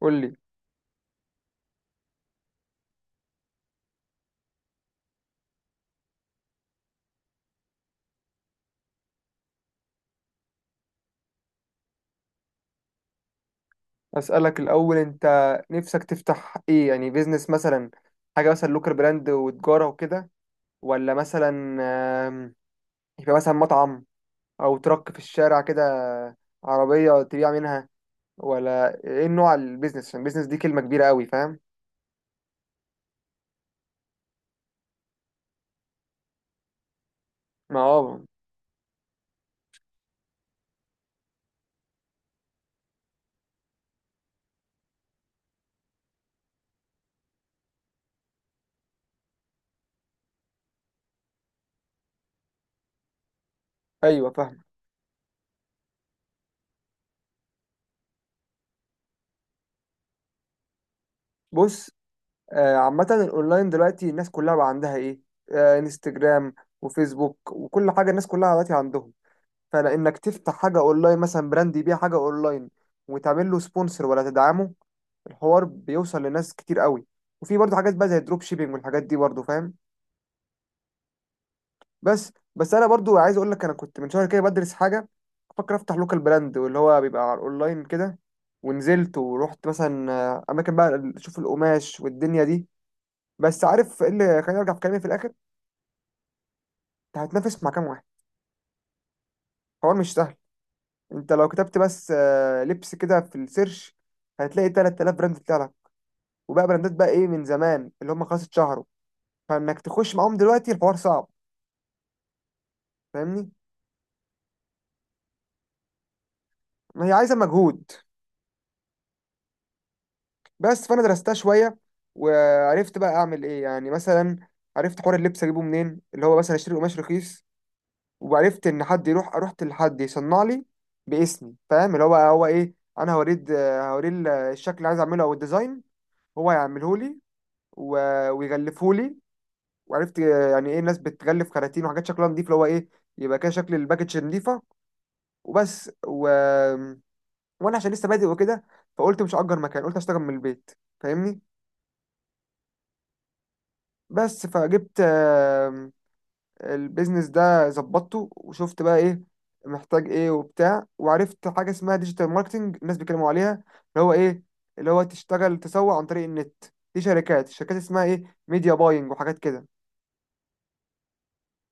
قول لي. اسالك الاول انت نفسك تفتح ايه، يعني بيزنس مثلا؟ حاجه مثلا لوكر براند وتجاره وكده، ولا مثلا آم، يبقى مثلا مطعم، او ترك في الشارع كده، عربيه تبيع منها، ولا ايه نوع البيزنس؟ عشان البيزنس دي كلمه كبيره قوي، فاهم؟ ما هو ايوه فاهم. بص، عامه الاونلاين دلوقتي الناس كلها بقى عندها ايه؟ انستجرام وفيسبوك وكل حاجه، الناس كلها دلوقتي عندهم. فلانك تفتح حاجه اونلاين، مثلا براند يبيع حاجه اونلاين، وتعمل له سبونسر ولا تدعمه، الحوار بيوصل لناس كتير قوي. وفي برضه حاجات بقى زي الدروب شيبينج والحاجات دي برضه، فاهم؟ بس انا برضه عايز اقول لك، انا كنت من شهر كده بدرس حاجه، بفكر افتح لوكال براند، واللي هو بيبقى على الاونلاين كده. ونزلت ورحت مثلا اماكن بقى اشوف القماش والدنيا دي. بس عارف ايه اللي خليني ارجع في كلامي في الاخر؟ انت هتنافس مع كام واحد، حوار مش سهل. انت لو كتبت بس لبس كده في السيرش، هتلاقي 3000 براند طلع، وبقى براندات بقى ايه من زمان اللي هم خلاص اتشهروا، فانك تخش معاهم دلوقتي الحوار صعب، فاهمني؟ ما هي عايزه مجهود. بس فانا درستها شويه، وعرفت بقى اعمل ايه يعني. مثلا عرفت حوار اللبس اجيبه منين، اللي هو مثلا اشتري قماش رخيص، وعرفت ان حد يروح، رحت لحد يصنع لي باسمي، فاهم؟ اللي هو هو ايه، انا هوريه الشكل اللي عايز اعمله او الديزاين، هو هيعمله لي ويغلفه لي. وعرفت يعني ايه الناس بتغلف كراتين وحاجات شكلها نضيف، اللي هو ايه، يبقى كده شكل الباكج نضيفه. وبس و... وانا عشان لسه بادئ وكده، فقلت مش هأجر مكان، قلت اشتغل من البيت، فاهمني؟ بس فجبت، البيزنس ده ظبطته وشفت بقى ايه محتاج ايه وبتاع، وعرفت حاجه اسمها ديجيتال ماركتنج الناس بيتكلموا عليها، اللي هو ايه، اللي هو تشتغل تسوق عن طريق النت، دي شركات، الشركات اسمها ايه، ميديا باينج وحاجات كده.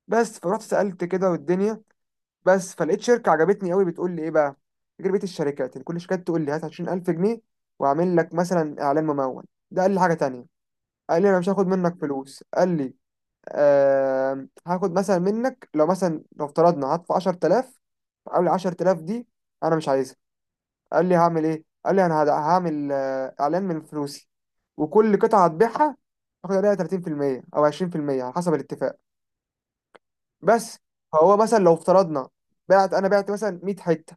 بس فرحت سألت كده والدنيا، بس فلقيت شركه عجبتني قوي بتقول لي ايه بقى؟ تجربه الشركات يعني، كل شركه تقول لي هات 20000 جنيه واعمل لك مثلا اعلان ممول، ده قال لي حاجه تانية، قال لي انا مش هاخد منك فلوس، قال لي آه هاخد مثلا منك، لو مثلا لو افترضنا هدفع 10000، قال لي 10000 دي انا مش عايزها، قال لي هعمل ايه، قال لي انا هعمل اعلان من فلوسي، وكل قطعه هتبيعها هاخد عليها 30% او 20% على حسب الاتفاق، بس. فهو مثلا لو افترضنا بعت مثلا 100 حته،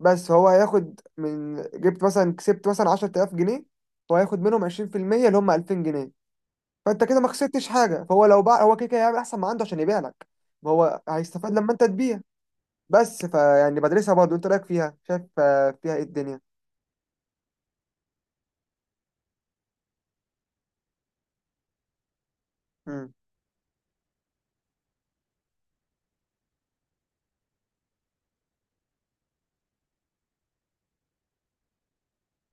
بس هو هياخد من، جبت مثلا كسبت مثلا 10000 جنيه، هو هياخد منهم 20% اللي هم 2000 جنيه، فانت كده ما خسرتش حاجه. فهو لو باع هو كده كده هيعمل احسن ما عنده عشان يبيع لك، ما هو هيستفاد لما انت تبيع. بس فيعني بدرسها برضه، انت رايك فيها، شايف فيها ايه الدنيا؟ امم.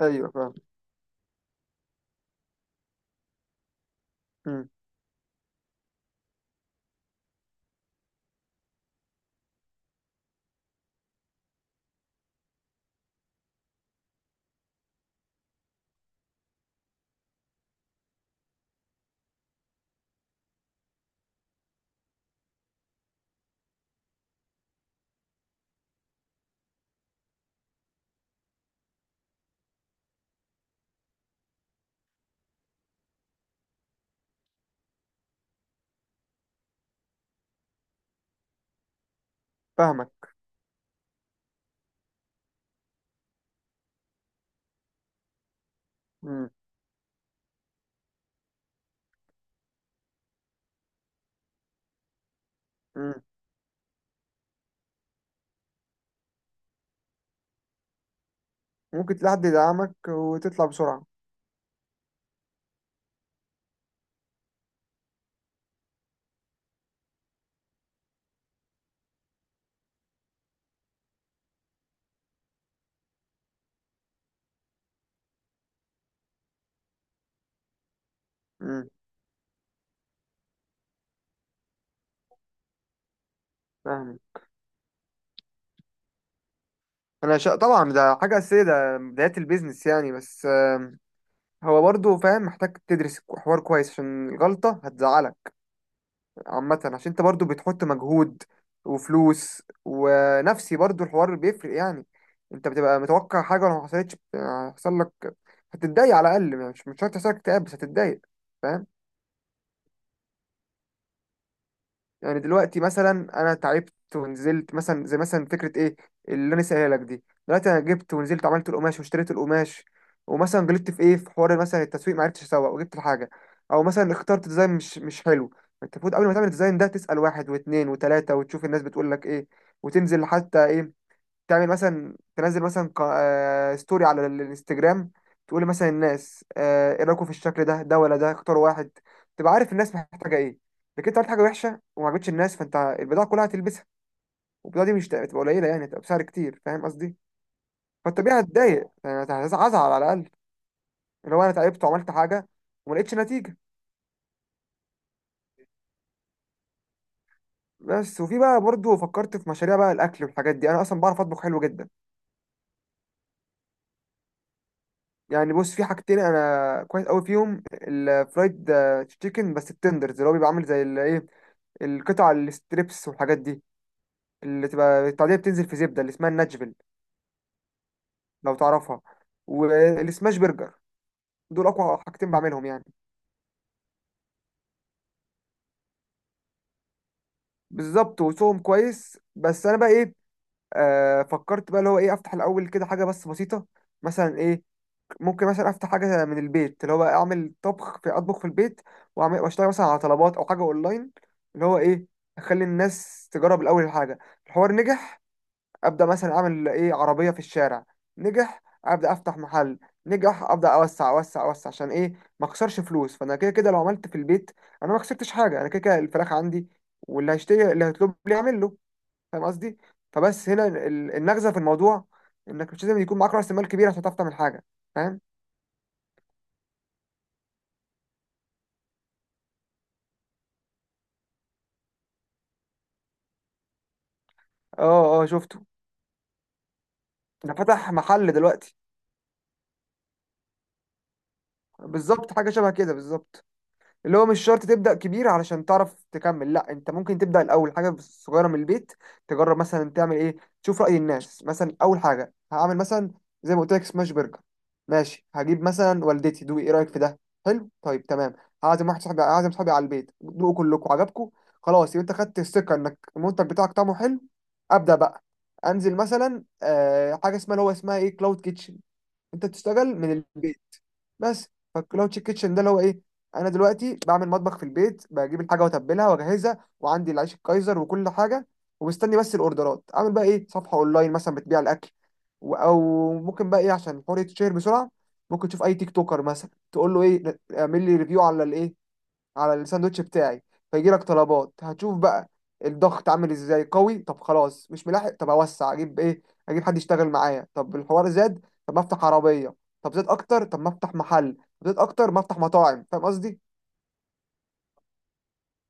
ايوه فاهم. امم. فاهمك. امم. امم. ممكن تلاقي حد يدعمك وتطلع بسرعه. امم. فاهمك. طبعا ده حاجه اساسيه، ده بدايه البيزنس يعني. بس هو برضه فاهم، محتاج تدرس حوار كويس عشان الغلطة هتزعلك. عامة عشان انت برضه بتحط مجهود وفلوس ونفسي، برضه الحوار بيفرق يعني. انت بتبقى متوقع حاجة، ولو ما حصلتش هيحصل لك، هتتضايق على الأقل يعني. مش شرط يحصل لك اكتئاب، بس هتتضايق، فاهم؟ يعني دلوقتي مثلا، انا تعبت ونزلت مثلا، زي مثلا فكره ايه اللي انا سايلها لك دي، دلوقتي انا جبت ونزلت عملت القماش واشتريت القماش، ومثلا غلطت في ايه، في حوار مثلا التسويق ما عرفتش اسوق وجبت الحاجه، او مثلا اخترت ديزاين مش حلو. انت المفروض قبل ما تعمل الديزاين ده تسال واحد واثنين وثلاثه وتشوف الناس بتقول لك ايه، وتنزل حتى ايه، تعمل مثلا، تنزل مثلا ستوري على الانستجرام، تقول مثلا الناس، ايه رايكم في الشكل ده، ده ولا ده اختاروا واحد، تبقى عارف الناس محتاجه ايه. لكن انت عملت حاجه وحشه وما عجبتش الناس، فانت البضاعه كلها هتلبسها، والبضاعه دي مش هتبقى قليله يعني، هتبقى بسعر كتير، فاهم قصدي؟ فالطبيعي هتضايق يعني، هتزعل على الاقل، اللي هو انا تعبت وعملت حاجه وما لقيتش نتيجه. بس وفي بقى برضو فكرت في مشاريع بقى، الاكل والحاجات دي انا اصلا بعرف اطبخ حلو جدا يعني. بص، في حاجتين انا كويس قوي فيهم، الفرايد تشيكن بس التندرز، اللي هو بيبقى عامل زي ال- ايه القطع الستريبس والحاجات دي، اللي تبقى التعديه بتنزل في زبده اللي اسمها الناشفيل، لو تعرفها، والسماش برجر، دول اقوى حاجتين بعملهم يعني. بالظبط وسوهم كويس. بس انا بقى ايه، آه فكرت بقى اللي هو ايه، افتح الاول كده حاجه بس بسيطه، مثلا ايه، ممكن مثلا افتح حاجه من البيت، اللي هو بقى اعمل طبخ في، اطبخ في البيت واعمل واشتغل مثلا على طلبات او حاجه اونلاين، اللي هو ايه، اخلي الناس تجرب الاول الحاجه. الحوار نجح، ابدا مثلا اعمل ايه، عربيه في الشارع. نجح، ابدا افتح محل. نجح، ابدا اوسع اوسع اوسع. عشان ايه؟ ما اخسرش فلوس. فانا كده كده لو عملت في البيت انا ما خسرتش حاجه، انا كده كده الفراخ عندي، واللي هيشتري اللي هيطلب لي يعمل له، فاهم قصدي؟ فبس هنا النغزه في الموضوع، انك مش لازم يكون معاك راس مال كبير عشان تعرف تعمل حاجه، فاهم؟ اه اه شفته. ده فتح محل دلوقتي. بالظبط، حاجه شبه كده بالظبط، اللي هو مش شرط تبدا كبير علشان تعرف تكمل، لا، انت ممكن تبدا الاول حاجه صغيره من البيت، تجرب مثلا تعمل ايه، تشوف راي الناس. مثلا اول حاجه هعمل مثلا زي ما قلت لك سماش برجر، ماشي، هجيب مثلا والدتي، دوقي ايه رايك في ده، حلو طيب تمام، هعزم واحد صاحبي، هعزم صاحبي على البيت، دوقوا كلكم، عجبكم، خلاص، يبقى انت خدت الثقه انك المنتج بتاعك طعمه حلو، ابدا بقى. انزل مثلا آه حاجه اسمها اللي هو اسمها ايه، كلاود كيتشن، انت تشتغل من البيت، بس. فالكلاود كيتشن ده اللي هو ايه، انا دلوقتي بعمل مطبخ في البيت، بجيب الحاجه واتبلها واجهزها وعندي العيش الكايزر وكل حاجه، ومستني بس الاوردرات. اعمل بقى ايه، صفحه اونلاين مثلا بتبيع الاكل، او ممكن بقى ايه عشان الحوار يتشهر بسرعه، ممكن تشوف اي تيك توكر مثلا تقول له ايه، اعمل لي ريفيو على الايه، على الساندوتش بتاعي، فيجي لك طلبات، هتشوف بقى الضغط عامل ازاي قوي. طب خلاص مش ملاحق، طب اوسع، اجيب ايه، اجيب حد يشتغل معايا. طب الحوار زاد، طب ما افتح عربيه. طب زاد اكتر، طب ما افتح محل. طب زاد اكتر، ما افتح مطاعم، فاهم قصدي؟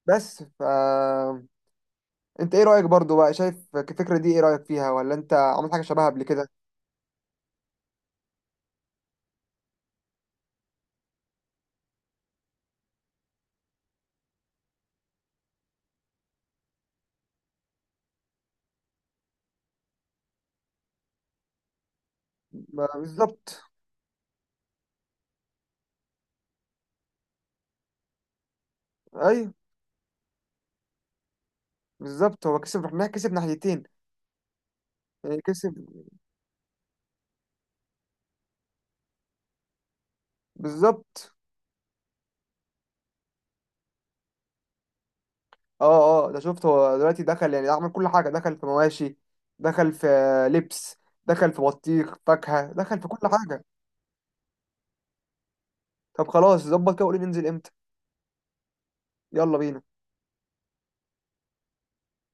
بس ف انت ايه رايك برضو بقى، شايف الفكره دي ايه رايك فيها، ولا انت عملت حاجه شبهها قبل كده؟ بالظبط. ايوه بالظبط، هو كسب، احنا كسب ناحيتين يعني، كسب بالظبط. اه اه ده شفت هو دلوقتي دخل، يعني عمل كل حاجة، دخل في مواشي، دخل في لبس، دخل في بطيخ فاكهة، دخل في كل حاجة. طب خلاص، ظبط كده، وقولي ننزل امتى. يلا بينا.